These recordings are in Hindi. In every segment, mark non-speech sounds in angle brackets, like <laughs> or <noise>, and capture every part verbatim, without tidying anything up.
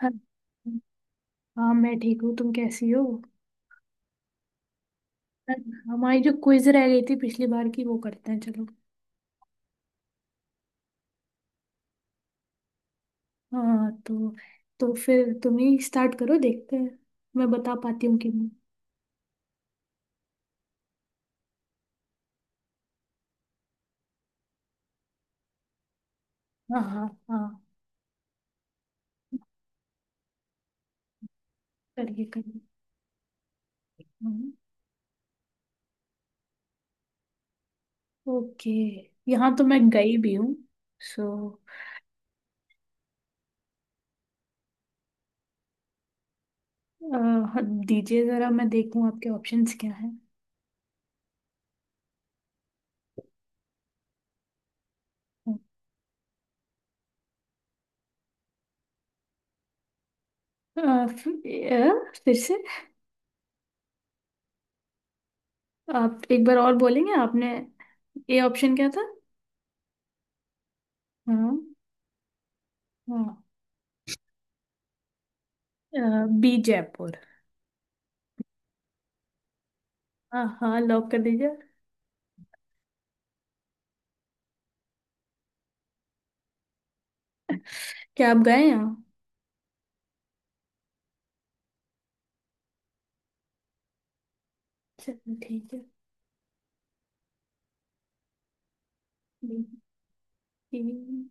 हाँ, हाँ, मैं ठीक हूँ। तुम कैसी हो? हमारी जो क्विज रह गई थी पिछली बार की वो करते हैं चलो। हाँ, तो तो फिर तुम ही स्टार्ट करो, देखते हैं मैं बता पाती हूँ कि नहीं। हाँ, हाँ, हाँ। करिए, करिए। हम्म, ओके, यहाँ तो मैं गई भी हूँ। सो, दीजिए जरा मैं देखूँ आपके ऑप्शंस क्या हैं। अ, फिर अ, फिर से आप एक बार और बोलेंगे? आपने, ए ऑप्शन क्या था? हाँ। हाँ, बी जयपुर। हाँ, हाँ, लॉक कर दीजिए। क्या आप गए हैं? चलो, ठीक है। बी। तीन।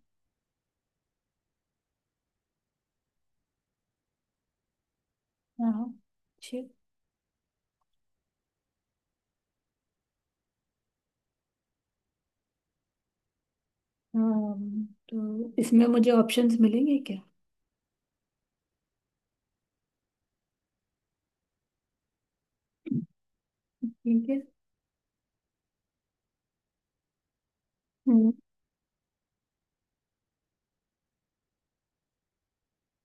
हाँ, छः। अम, तो इसमें मुझे ऑप्शंस मिलेंगे क्या? ठीक है। हम्म,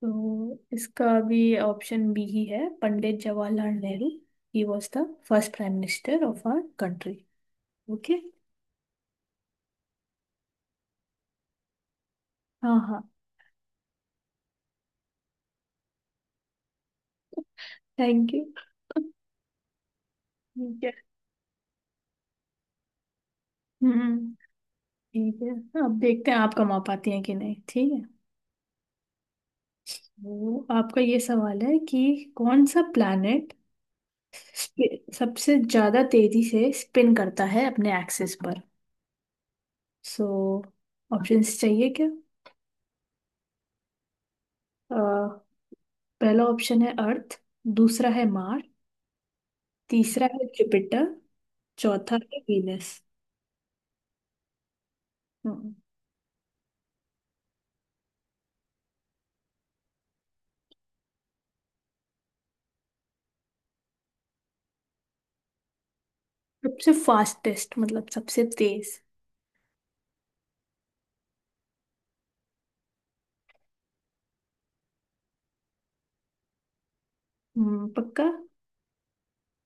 तो इसका भी ऑप्शन बी ही है, Pandit Jawaharlal Nehru. He was the first prime minister of our country. Okay. हाँ, हाँ। Thank you. ठीक है। हम्म। ठीक है, अब देखते हैं आप कमा पाती हैं कि नहीं। ठीक है, तो आपका ये सवाल है कि कौन सा प्लैनेट स्पि- सबसे ज्यादा तेजी से स्पिन करता है अपने एक्सिस पर। सो, ऑप्शंस चाहिए क्या? अ, पहला ऑप्शन है अर्थ। दूसरा है मार। तीसरा है जुपिटर। चौथा है वीनस। हम्म, सबसे फास्टेस्ट, मतलब सबसे तेज। हम्म, पक्का?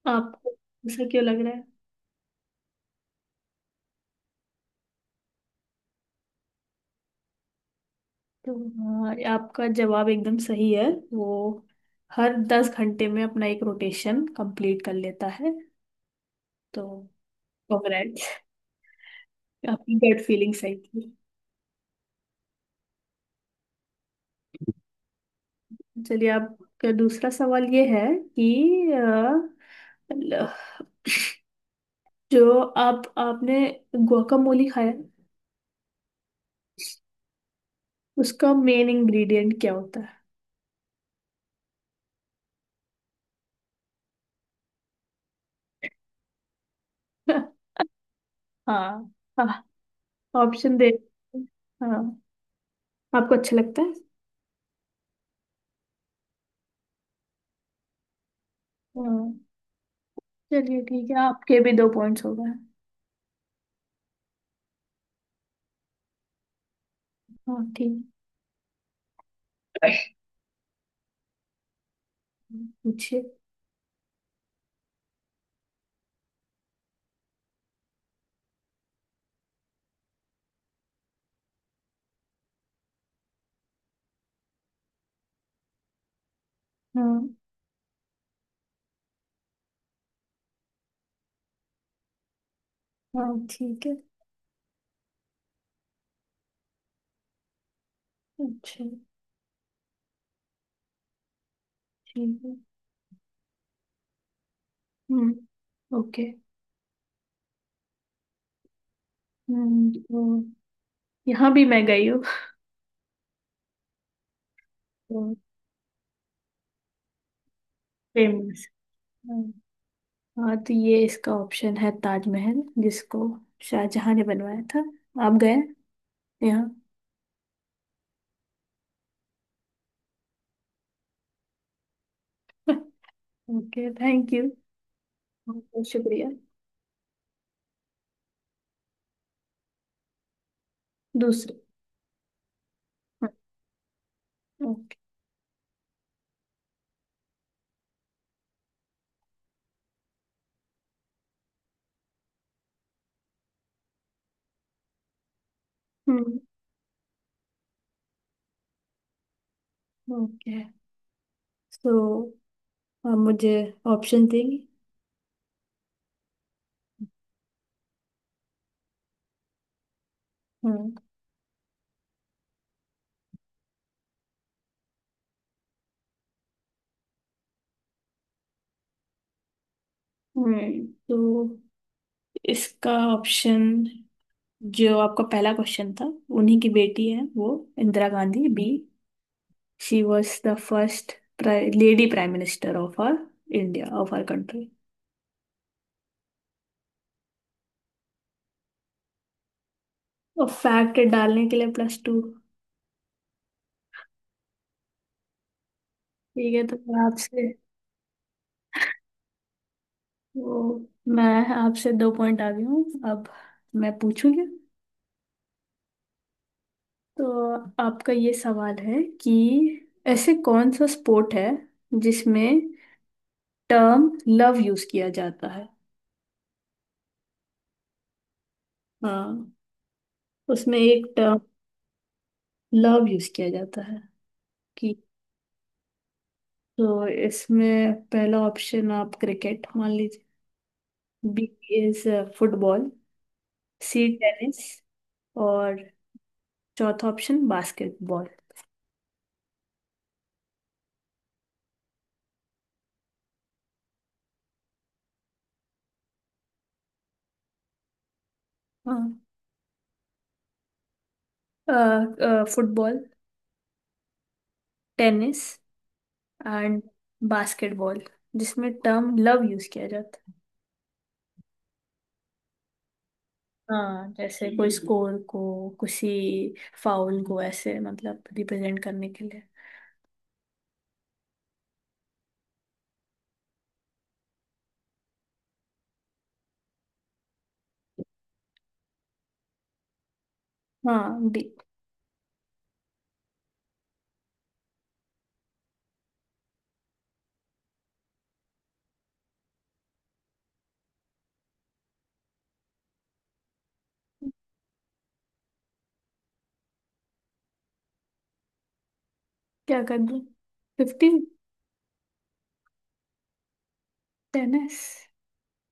आपको ऐसा क्यों लग रहा है? तो अ, आपका जवाब एकदम सही है। वो हर दस घंटे में अपना एक रोटेशन कंप्लीट कर लेता है, तो कॉन्ग्रेट। आपकी गट फीलिंग सही थी। चलिए आपका दूसरा सवाल ये है कि अ, ल- जो आप आपने guacamole खाया, उसका मेन इंग्रेडिएंट क्या होता है? <laughs> हाँ, हाँ। ऑप्शन दे। हाँ। आपको अच्छा लगता है? हाँ। चलिए ठीक है, आपके भी दो पॉइंट्स हो गए। हाँ, ठीक। पूछिए। हाँ, हाँ, ठीक है। अच्छा। ठीक है। हम्म, ओके। हम्म तो यहाँ भी मैं गई हूँ। फेमस। हम्म। हाँ, तो ये इसका ऑप्शन है ताजमहल, जिसको शाहजहां ने बनवाया था। आप गए यहाँ? <laughs> Okay, thank you. बहुत शुक्रिया। दूसरे। ओके। Hmm, okay. तो आप मुझे ऑप्शन देंगे? हम्म। हम्म तो इसका ऑप्शन, जो आपका पहला क्वेश्चन था, उन्हीं की बेटी है वो, Indira Gandhi, B. She was the first lady prime minister of our India, of our country. और फैक्ट डालने के लिए प्लस टू। ठीक है, तो मैं आपसे वो मैं आपसे दो पॉइंट आ गई हूँ। अब मैं पूछूंगी। तो आपका ये सवाल है कि ऐसे कौन सा स्पोर्ट है, जिसमें टर्म लव यूज किया जाता है? हाँ, उसमें एक टर्म लव यूज किया जाता है कि। तो इसमें पहला ऑप्शन आप क्रिकेट मान लीजिए। B is football. C tennis. और चौथा ऑप्शन बास्केटबॉल। हाँ, फुटबॉल, टेनिस एंड बास्केटबॉल, जिसमें टर्म लव यूज किया जाता है। हाँ, जैसे कोई स्कोर को, किसी फाउल को, ऐसे मतलब रिप्रेजेंट करने के लिए। हाँ, डी। क्या कर दूँ? फिफ्टी। टेनिस।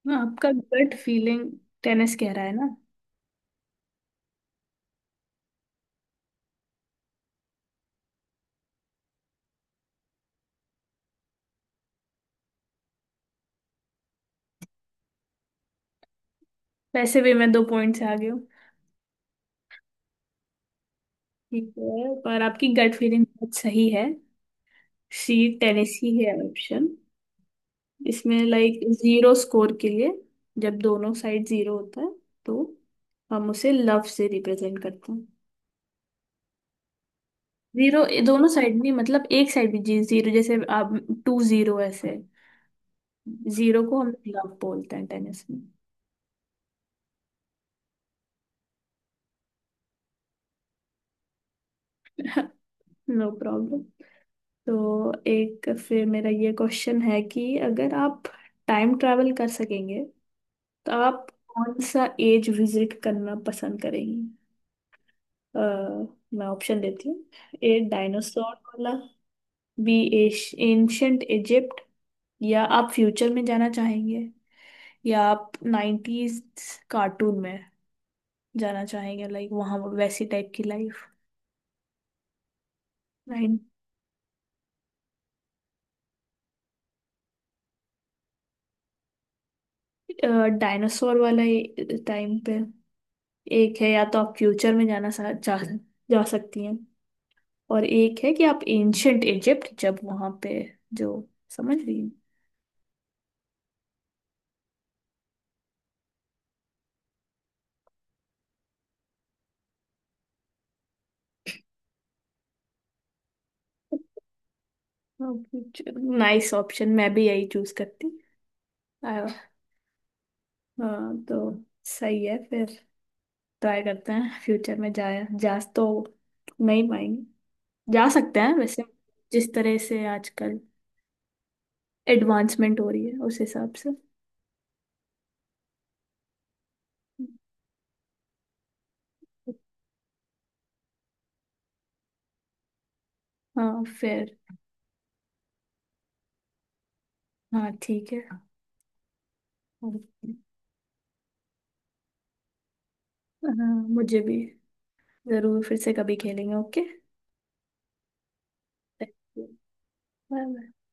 हाँ, आपका गट फीलिंग टेनिस कह रहा है ना? वैसे भी मैं दो पॉइंट से आगे हूँ। ठीक है, पर आपकी गट फीलिंग बहुत सही है। सी, टेनिस ही है ऑप्शन। इसमें लाइक जीरो स्कोर के लिए, जब दोनों साइड जीरो होता है, तो हम उसे लव से रिप्रेजेंट करते हैं। जीरो दोनों साइड नहीं, मतलब एक साइड भी जी जीरो, जैसे आप टू जीरो ऐसे। जीरो को हम लव बोलते हैं टेनिस में। <laughs> No problem. तो एक फिर मेरा ये क्वेश्चन है कि अगर आप टाइम ट्रैवल कर सकेंगे, तो आप कौन सा एज विजिट करना पसंद करेंगे? अ, मैं ऑप्शन देती हूँ। ए, डायनासोर वाला। B, ancient Egypt. या आप फ्यूचर में जाना चाहेंगे। या आप नाइन्टीज कार्टून में जाना चाहेंगे, लाइक वहाँ वैसी टाइप की लाइफ। नाइन। डायनासोर वाला टाइम पे। एक है या तो आप फ्यूचर में जाना सा, जा, जा सकती हैं। और एक है कि आप एंशंट इजिप्ट, जब वहाँ पे जो, समझ रही हैं? नाइस ऑप्शन, मैं भी यही चूज करती। आ, हाँ, तो सही है फिर। ट्राई करते हैं फ्यूचर में जाए जा तो नहीं पाएंगे, जा सकते हैं वैसे, जिस तरह से आजकल एडवांसमेंट हो रही है उस हिसाब से। हाँ, फिर। हाँ, ठीक है। हाँ, मुझे भी। जरूर फिर से कभी खेलेंगे। Okay, bye. बाय।